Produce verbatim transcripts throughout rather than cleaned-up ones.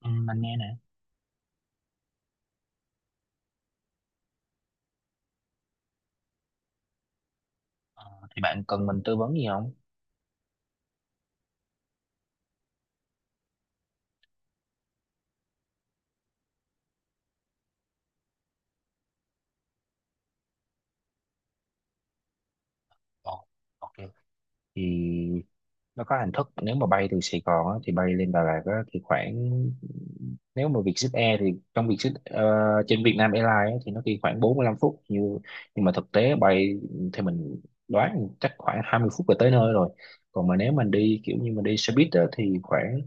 Ừ, mình nghe nè. Ờ, thì bạn cần mình tư vấn gì không? Ồ, ok. Thì nó có hình thức, nếu mà bay từ Sài Gòn á, thì bay lên Đà Lạt á, thì khoảng nếu mà Vietjet Air thì trong Vietjet ờ, trên Việt Nam Airlines á, thì nó đi khoảng bốn mươi lăm phút. Như nhưng mà thực tế bay thì mình đoán chắc khoảng hai mươi phút là tới nơi rồi. Còn mà nếu mình đi kiểu như mình đi xe buýt á, thì khoảng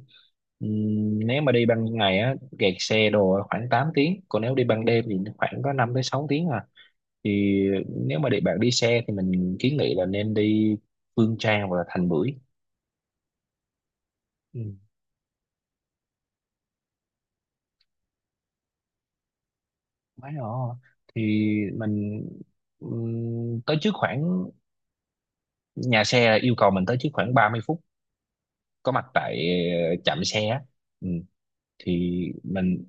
ừm, nếu mà đi ban ngày á kẹt xe đồ á, khoảng tám tiếng, còn nếu đi ban đêm thì khoảng có năm tới sáu tiếng à. Thì nếu mà để bạn đi xe thì mình kiến nghị là nên đi Phương Trang hoặc là Thành Bưởi. Ừ, quá rõ. Thì mình ừm, tới trước khoảng, nhà xe là yêu cầu mình tới trước khoảng ba mươi phút có mặt tại ờ, trạm xe á. Ừ. Thì mình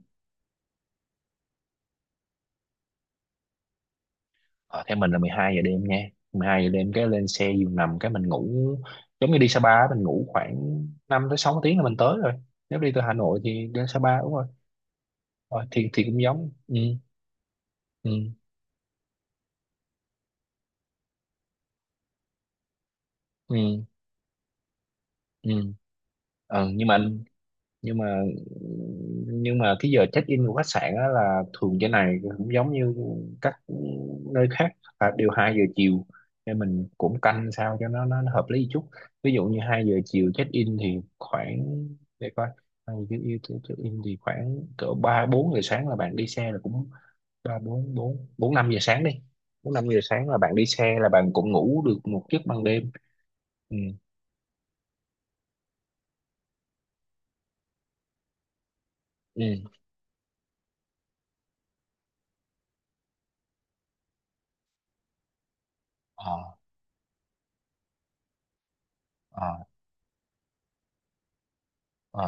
ờ, theo mình là mười hai giờ đêm nha, mười hai giờ đêm cái lên xe giường nằm cái mình ngủ, giống như đi Sapa á, mình ngủ khoảng năm tới sáu tiếng là mình tới rồi. Nếu đi từ Hà Nội thì đến Sapa đúng rồi. Ờ, thì thì cũng giống ừ, ừ, ừ, ừ. Ờ, nhưng mà nhưng mà nhưng mà cái giờ check in của khách sạn á là thường trên này cũng giống như các nơi khác, là đều hai giờ chiều, nên mình cũng canh sao cho nó nó, nó hợp lý chút. Ví dụ như hai giờ chiều check in thì khoảng, để coi, hai giờ chiều check in thì khoảng cỡ ba bốn giờ sáng là bạn đi xe là cũng, ba bốn bốn bốn năm giờ sáng đi, bốn năm giờ sáng là bạn đi xe là bạn cũng ngủ được một giấc ban đêm. Ừ, ừ, ờ, ờ, ờ,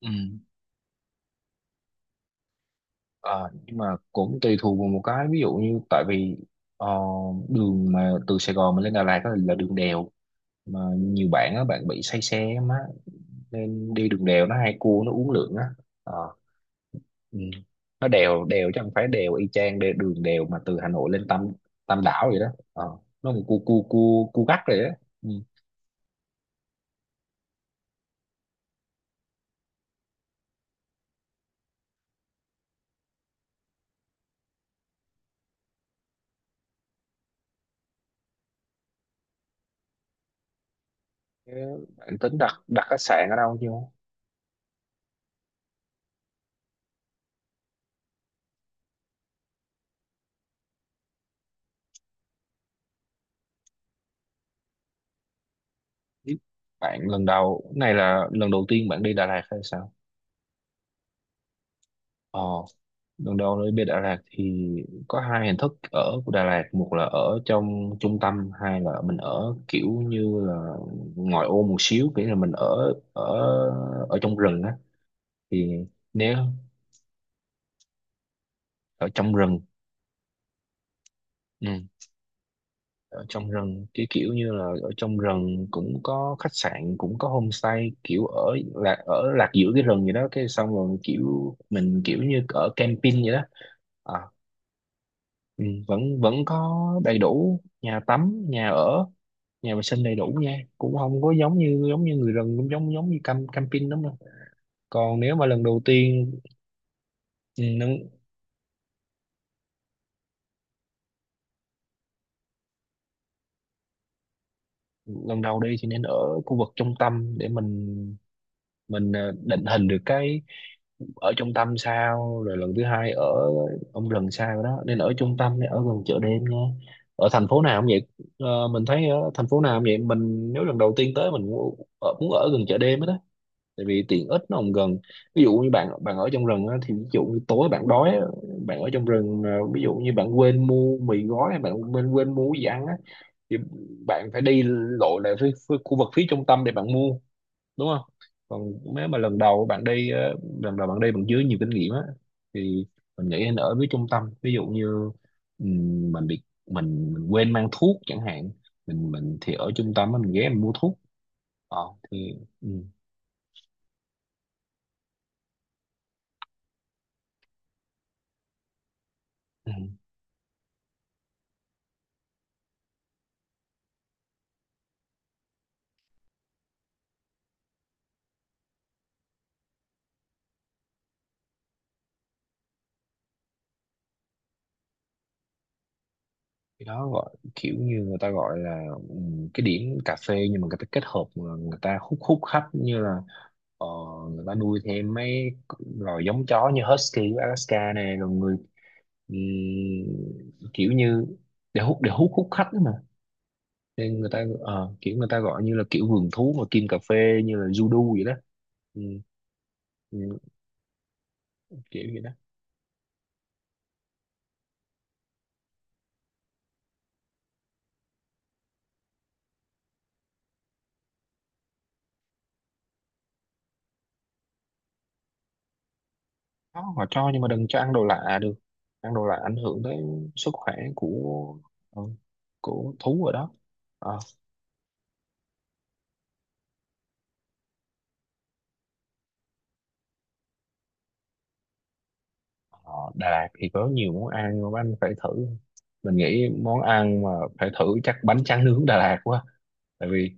ừ. Ờ, nhưng mà cũng tùy thuộc vào một cái, ví dụ như tại vì ờ, đường mà từ Sài Gòn mà lên Đà Lạt á là đường đèo, mà nhiều bạn á bạn bị say xe á má, nên đi đường đèo nó hay cua nó uống lượng á. Ờ, ừ. Nó đèo đèo chứ không phải đèo y chang đe- đường đèo mà từ Hà Nội lên Tam Tam Đảo vậy đó. Ờ, nó một cua cua cua cua gắt rồi á. Ừ. Thế bạn tính đặt đặt khách sạn ở đâu chưa? Biết bạn lần đầu này là lần đầu tiên bạn đi Đà Lạt hay sao? Ờ Đường đo nơi bên Đà Lạt thì có hai hình thức ở của Đà Lạt: một là ở trong trung tâm, hai là mình ở kiểu như là ngoài ô một xíu, nghĩa là mình ở ở ở trong rừng á. Thì nếu ở trong rừng, ừ, ở trong rừng cái kiểu như là ở trong rừng cũng có khách sạn cũng có homestay, kiểu ở lạc ở lạc giữa cái rừng vậy đó, cái xong rồi kiểu mình kiểu như ở camping vậy đó. À, ừ, vẫn vẫn có đầy đủ nhà tắm, nhà ở, nhà vệ sinh đầy đủ nha, cũng không có giống như giống như người rừng, cũng giống giống như cam camping lắm đâu. Còn nếu mà lần đầu tiên, ừ, nâng- lần đầu đi thì nên ở khu vực trung tâm để mình mình ờ, định hình được cái ở trung tâm sao, rồi lần thứ hai ở ông rừng sao đó. Nên ở trung tâm, nên ở gần chợ đêm nha, ở thành phố nào cũng vậy. Ờ, mình thấy ở thành phố nào cũng vậy, mình nếu lần đầu tiên tới mình muốn ở, muốn ở gần chợ đêm hết đó, tại vì tiện ích nó không gần. Ví dụ như bạn bạn ở trong rừng á, thì ví dụ như tối bạn đói á, bạn ở trong rừng à, ví dụ như bạn quên mua mì gói hay bạn quên quên mua cái gì ăn á, thì bạn phải đi lội lại phía, phía, khu vực phía trung tâm để bạn mua, đúng không? Còn nếu mà lần đầu bạn đi á, lần đầu bạn đi bằng dưới nhiều kinh nghiệm á, thì mình nghĩ nên ở phía trung tâm. Ví dụ như ừm, mình bị mình, mình quên mang thuốc chẳng hạn, mình mình thì ở trung tâm á, mình ghé mình mua thuốc. ờ thì ừ. Cái đó gọi kiểu như người ta gọi là ừm, cái điểm cà phê nhưng mà người ta kết hợp mà người ta hút hút khách, như là ờ, người ta nuôi thêm mấy loài giống chó như Husky của Alaska này, rồi người ừm, kiểu như để hút để hút hút khách đó mà. Nên người ta ờ, kiểu người ta gọi như là kiểu vườn thú mà kim cà phê, như là Judo vậy đó. Ừ, ừ, kiểu vậy đó. Đó, họ cho nhưng mà đừng cho ăn đồ lạ được, ăn đồ lạ ảnh hưởng tới sức khỏe của ừ, của thú ở đó. Ờ, họ Đà Lạt thì có nhiều món ăn mà anh phải thử, mình nghĩ món ăn mà phải thử chắc bánh tráng nướng Đà Lạt quá, tại vì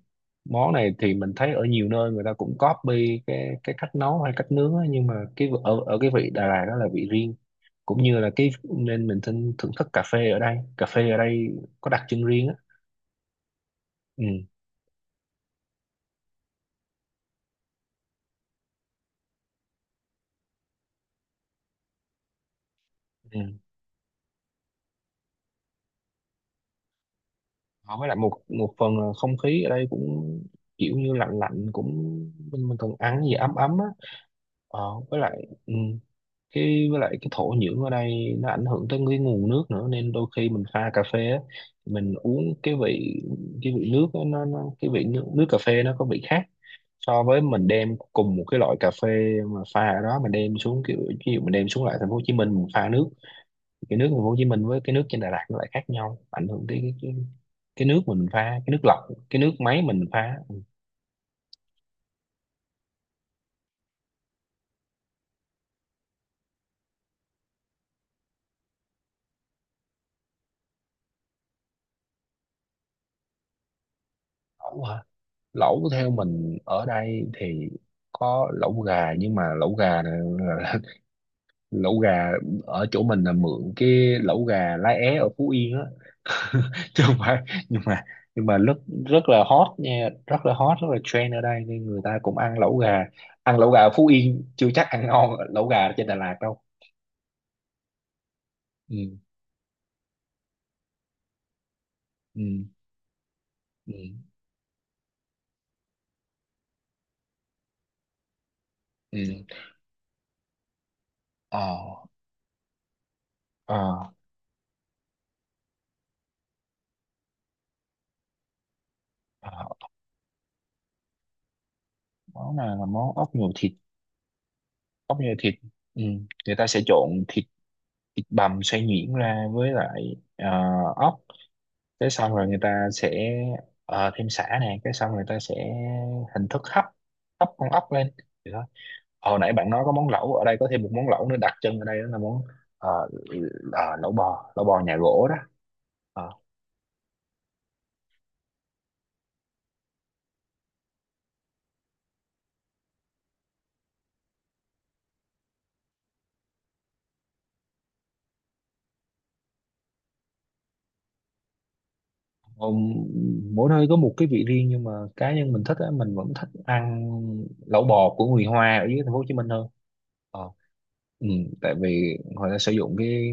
món này thì mình thấy ở nhiều nơi người ta cũng copy cái cái cách nấu hay cách nướng á, nhưng mà cái vị- ở ở cái vị Đà Lạt đó là vị riêng, cũng như là cái nên mình thinh- thưởng thức cà phê ở đây cà phê ở đây có đặc trưng riêng á. Ừ. Ừ. Họ với lại một một phần là không khí ở đây cũng kiểu như lạnh lạnh, cũng mình mình cần ăn gì ấm ấm á. ờ, với lại ừ, cái với lại cái thổ nhưỡng ở đây nó ảnh hưởng tới cái nguồn nước nữa, nên đôi khi mình pha cà phê á, mình uống cái vị cái vị nước á, nó, nó cái vị nước, nước cà phê nó có vị khác so với mình đem cùng một cái loại cà phê mà pha ở đó mình đem xuống kiểu, ví dụ mình đem xuống lại thành phố Hồ Chí Minh mình pha nước, cái nước thành phố Hồ Chí Minh với cái nước trên Đà Lạt nó lại khác nhau, ảnh hưởng tới cái, cái, cái nước mình pha, cái nước lọc, cái nước máy mình pha. Lẩu hả? Lẩu theo mình ở đây thì có lẩu gà, nhưng mà lẩu gà là- là- lẩu gà ở chỗ mình là mượn cái lẩu gà lá é ở Phú Yên á, chứ không phải. Nhưng mà nhưng mà rất rất là hot nha, rất là hot, rất là trend ở đây, nên người ta cũng ăn lẩu gà. Ăn lẩu gà ở Phú Yên chưa chắc ăn ngon lẩu gà trên Đà Lạt đâu. Ừ, ừ, ừ, ừ, ờ. À, à, món này là món ốc nhồi thịt. Ốc nhồi thịt. Ừ. Người ta sẽ trộn thịt thịt bằm xay nhuyễn ra, với lại à, ốc, cái xong rồi người ta sẽ ờ, thêm sả nè, cái xong người ta sẽ hình thức hấp, hấp con ốc lên. Thì đó, hồi nãy bạn nói có món lẩu, ở đây có thêm một món lẩu nữa đặc trưng ở đây, đó là món ờ, ờ, lẩu bò lẩu bò nhà gỗ đó. Ờ, ông- Mỗi nơi có một cái vị riêng, nhưng mà cá nhân mình thích á, mình vẫn thích ăn lẩu bò của người Hoa ở dưới thành phố Hồ Chí Minh hơn. Ờ, ừ, Tại vì họ đã sử dụng cái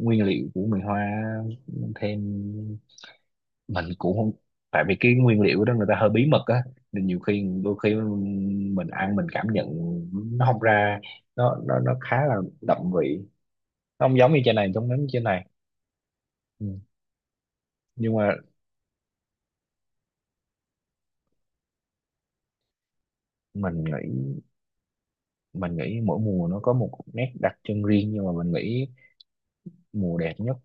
nguyên liệu của người Hoa, thêm mình cũng không, tại vì cái nguyên liệu đó người ta hơi bí mật á, nên nhiều khi đôi khi mình ăn mình cảm nhận nó không ra, nó nó nó khá là đậm vị, nó không giống như trên này, giống giống như trên này. Ừ. Nhưng mà mình nghĩ mình nghĩ mỗi mùa nó có một nét đặc trưng riêng, nhưng mà mình nghĩ mùa đẹp nhất,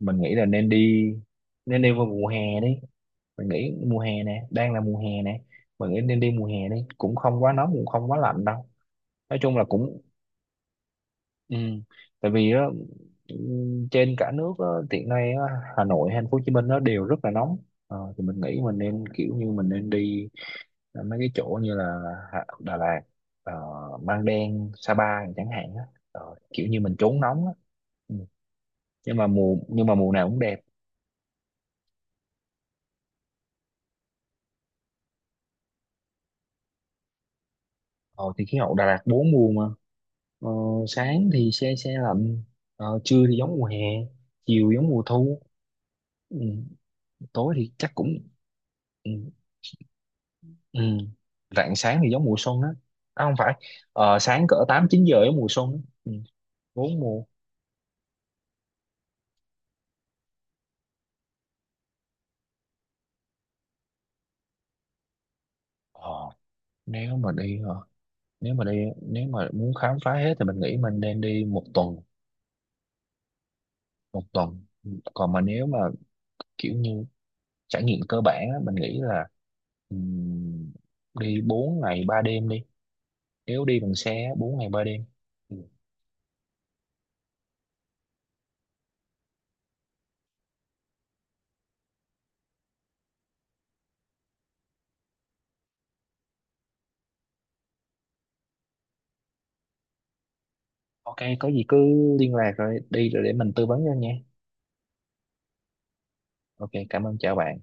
mình nghĩ là nên đi nên đi vào mùa hè đi. Mình nghĩ mùa hè nè, đang là mùa hè nè, mình nghĩ nên đi mùa hè đi, cũng không quá nóng cũng không quá lạnh đâu. Nói chung là cũng, ừ. Tại vì á, ừ, trên cả nước á, hiện nay á, Hà Nội hay Thành phố Hồ Chí Minh nó đều rất là nóng. Ờ, thì mình nghĩ mình nên kiểu như mình nên đi mấy cái chỗ như là Hạ- Đà Lạt, ờ, Măng Đen, Sa Pa chẳng hạn á. Ờ, kiểu như mình trốn nóng á. Ừ. Nhưng mà mùa nhưng mà mùa nào cũng đẹp. Ờ, thì khí hậu Đà Lạt bốn mùa mà. ờ, Sáng thì se se lạnh, ờ, trưa thì giống mùa hè, chiều giống mùa thu, ừ, tối thì chắc cũng, ừ, ừ. Rạng sáng thì giống mùa xuân á. À, không phải, ờ, sáng cỡ tám chín giờ giống mùa xuân á. ừ, Bốn mùa. ờ, Nếu mà đi hả? nếu mà đi nếu mà muốn khám phá hết thì mình nghĩ mình nên đi một tuần. Một tuần. Còn mà nếu mà kiểu như trải nghiệm cơ bản á, mình nghĩ là ừm, đi bốn ngày ba đêm đi, nếu đi bằng xe á, bốn ngày ba đêm. Ừ. Ok, có gì cứ liên lạc, rồi đi rồi để mình tư vấn cho nha. Ok cảm ơn, chào bạn.